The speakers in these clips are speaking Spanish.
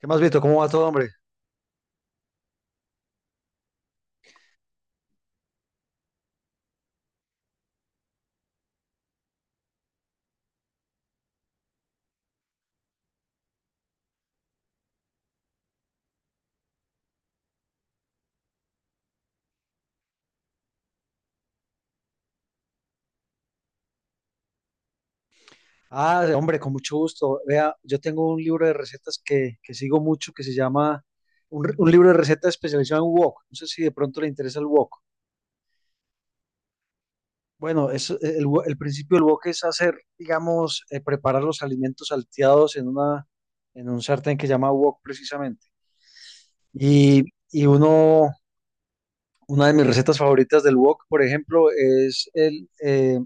¿Qué más, Vito? ¿Cómo va todo, hombre? Ah, hombre, con mucho gusto. Vea, yo tengo un libro de recetas que sigo mucho, que se llama un libro de recetas especializado en wok. No sé si de pronto le interesa el wok. Bueno, es, el principio del wok es hacer, digamos, preparar los alimentos salteados en un sartén que se llama wok precisamente. Y, y uno, una de mis recetas favoritas del wok, por ejemplo, es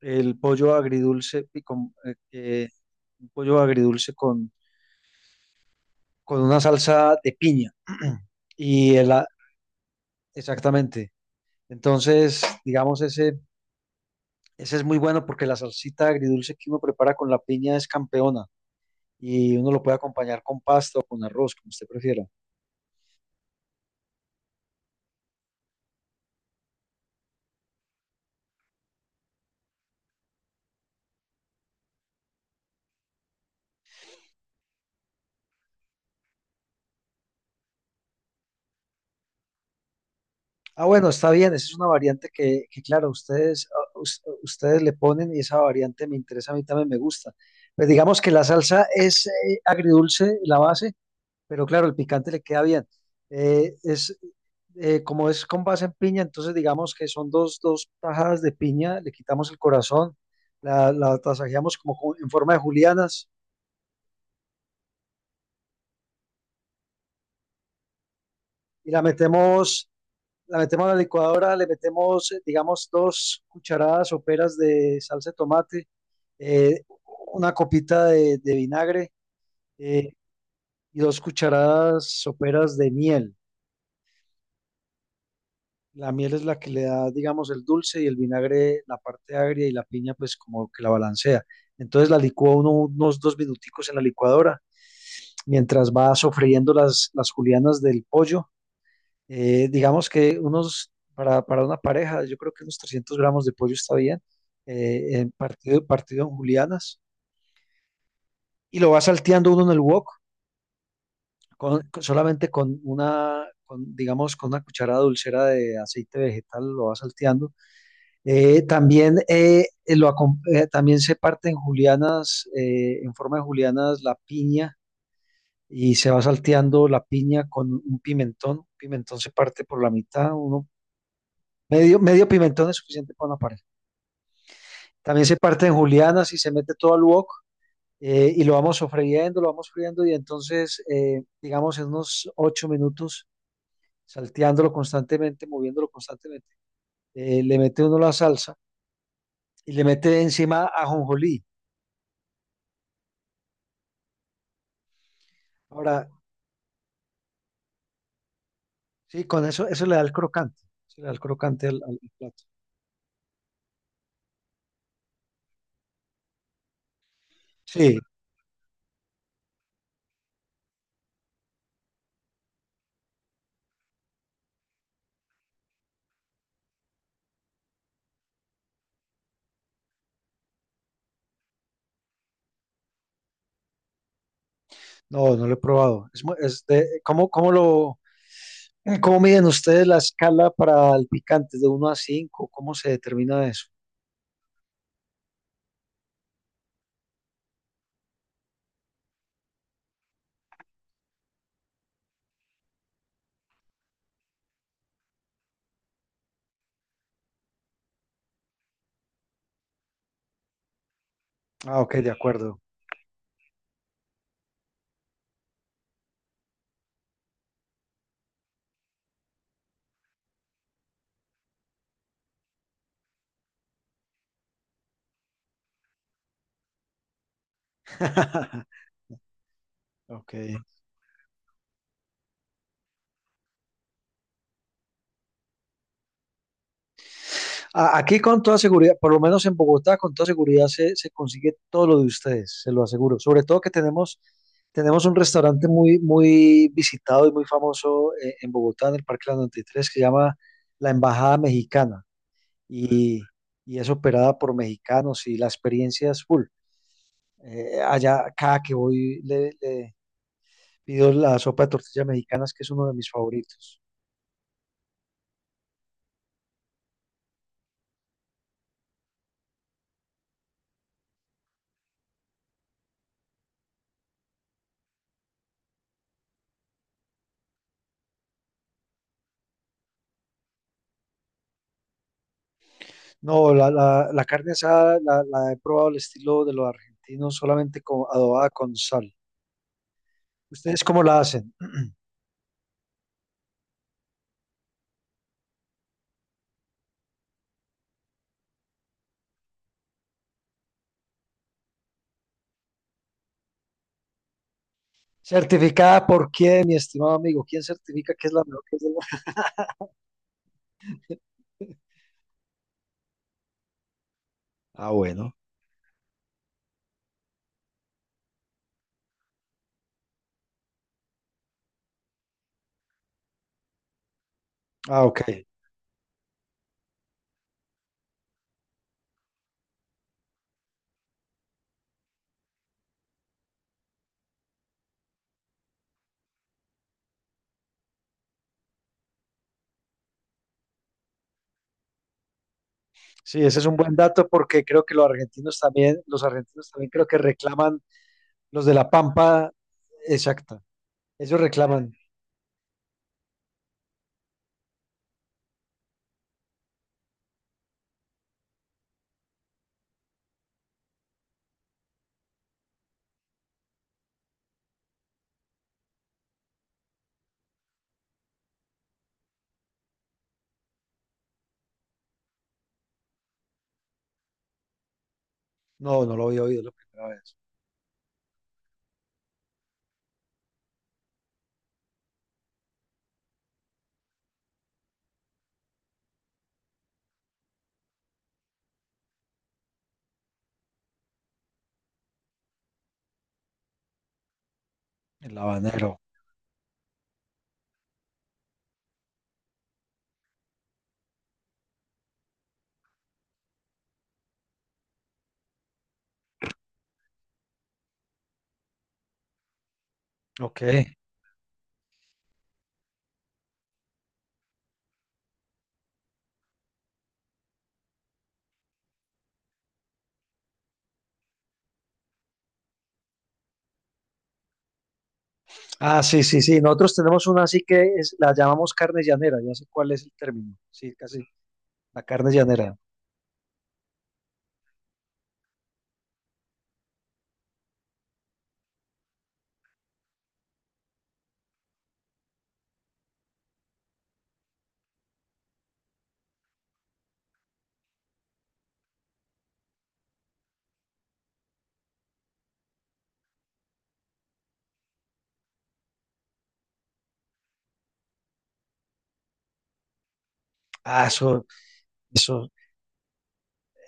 el pollo agridulce, un pollo agridulce con una salsa de piña. Y el a- exactamente. Entonces, digamos, ese es muy bueno porque la salsita agridulce que uno prepara con la piña es campeona, y uno lo puede acompañar con pasta o con arroz, como usted prefiera. Ah, bueno, está bien, esa es una variante que, claro, ustedes le ponen, y esa variante me interesa, a mí también me gusta. Pues digamos que la salsa es, agridulce, la base. Pero claro, el picante le queda bien. Es, como es con base en piña, entonces digamos que son 2 tajadas de piña. Le quitamos el corazón, la tasajeamos, como en forma de julianas, y la metemos a la licuadora. Le metemos, digamos, 2 cucharadas soperas de salsa de tomate, eh, una copita de vinagre, eh, y 2 cucharadas soperas de miel. La miel es la que le da, digamos, el dulce, y el vinagre, la parte agria, y la piña pues como que la balancea. Entonces la licúa uno unos dos minuticos en la licuadora, mientras va sofriendo las julianas del pollo. Digamos que para una pareja, yo creo que unos 300 gramos de pollo está bien, partido en julianas. Y lo va salteando uno en el wok, solamente con digamos, con una cucharada dulcera de aceite vegetal, lo va salteando. También se parte en julianas, en forma de julianas, la piña, y se va salteando la piña con un pimentón. Pimentón se parte por la mitad, uno. Medio pimentón es suficiente para una pareja. También se parte en julianas y se mete todo al wok, y lo vamos sofriendo, lo vamos friendo, y entonces, digamos, en unos 8 minutos, salteándolo constantemente, moviéndolo constantemente, le mete uno la salsa, y le mete encima ajonjolí. Ahora, sí, con eso, eso le da el crocante, eso le da el crocante al plato. Sí, no, no lo he probado. Es, ¿cómo, cómo miden ustedes la escala para el picante de uno a 5? ¿Cómo se determina eso? Ah, ok, de acuerdo. Ok. Aquí con toda seguridad, por lo menos en Bogotá, con toda seguridad se consigue todo lo de ustedes, se lo aseguro. Sobre todo que tenemos, un restaurante muy, muy visitado y muy famoso, en Bogotá, en el Parque La 93, que se llama La Embajada Mexicana. y, y es operada por mexicanos, y la experiencia es full. Allá, cada que voy, le pido la sopa de tortillas mexicanas, que es uno de mis favoritos. No, la carne asada la he probado al estilo de los argentinos, solamente con, adobada con sal. ¿Ustedes cómo la hacen? ¿Certificada por quién, mi estimado amigo? ¿Quién certifica que es la mejor? La- Ah, bueno. Ah, ok. Sí, ese es un buen dato, porque creo que los argentinos también creo que reclaman. Los de La Pampa, exacta. Ellos reclaman. No, no lo había oído la primera vez. El habanero. Ok. Ah, sí, sí, sí. Nosotros tenemos una así que es, la llamamos carne llanera. Ya sé cuál es el término. Sí, casi. La carne llanera. Ah, eso,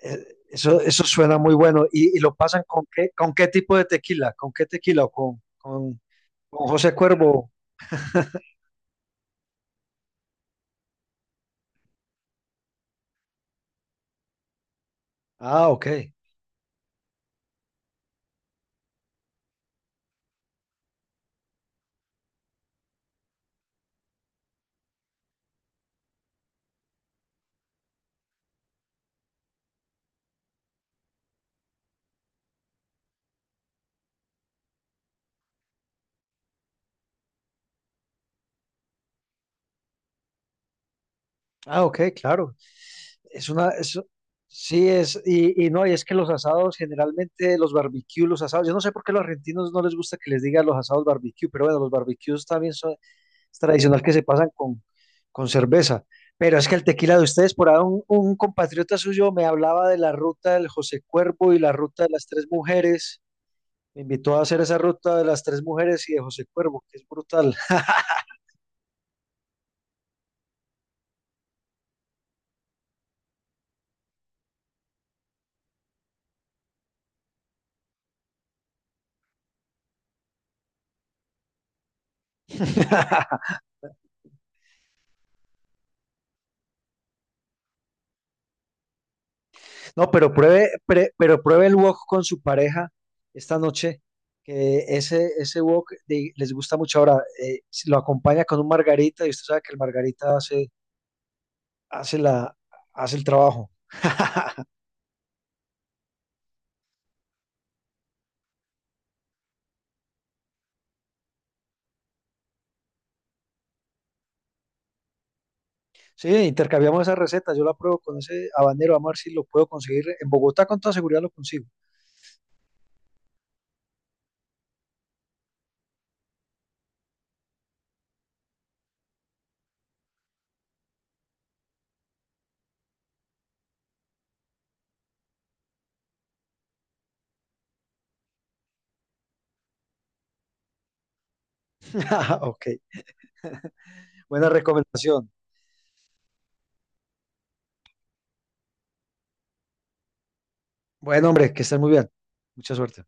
eh, eso suena muy bueno. Y lo pasan con qué, tipo de tequila? ¿Con qué tequila? ¿O con José Cuervo? Ah, ok. Ah, ok, claro. Es una, sí, es, y no, y es que los asados generalmente, los barbecues, los asados, yo no sé por qué los argentinos no les gusta que les digan los asados barbecue, pero bueno, los barbecues también es tradicional que se pasan con, cerveza. Pero es que el tequila de ustedes, por ahí un compatriota suyo me hablaba de la ruta del José Cuervo y la ruta de las tres mujeres. Me invitó a hacer esa ruta de las tres mujeres y de José Cuervo, que es brutal. No, pero pero pruebe el wok con su pareja esta noche, que ese wok de- les gusta mucho. Ahora, si lo acompaña con un margarita, y usted sabe que el margarita hace, hace la, hace el trabajo. Sí, intercambiamos esa receta, yo la pruebo con ese habanero, vamos a ver si lo puedo conseguir. En Bogotá con toda seguridad lo consigo. Ok, buena recomendación. Bueno, hombre, que estén muy bien. Mucha suerte.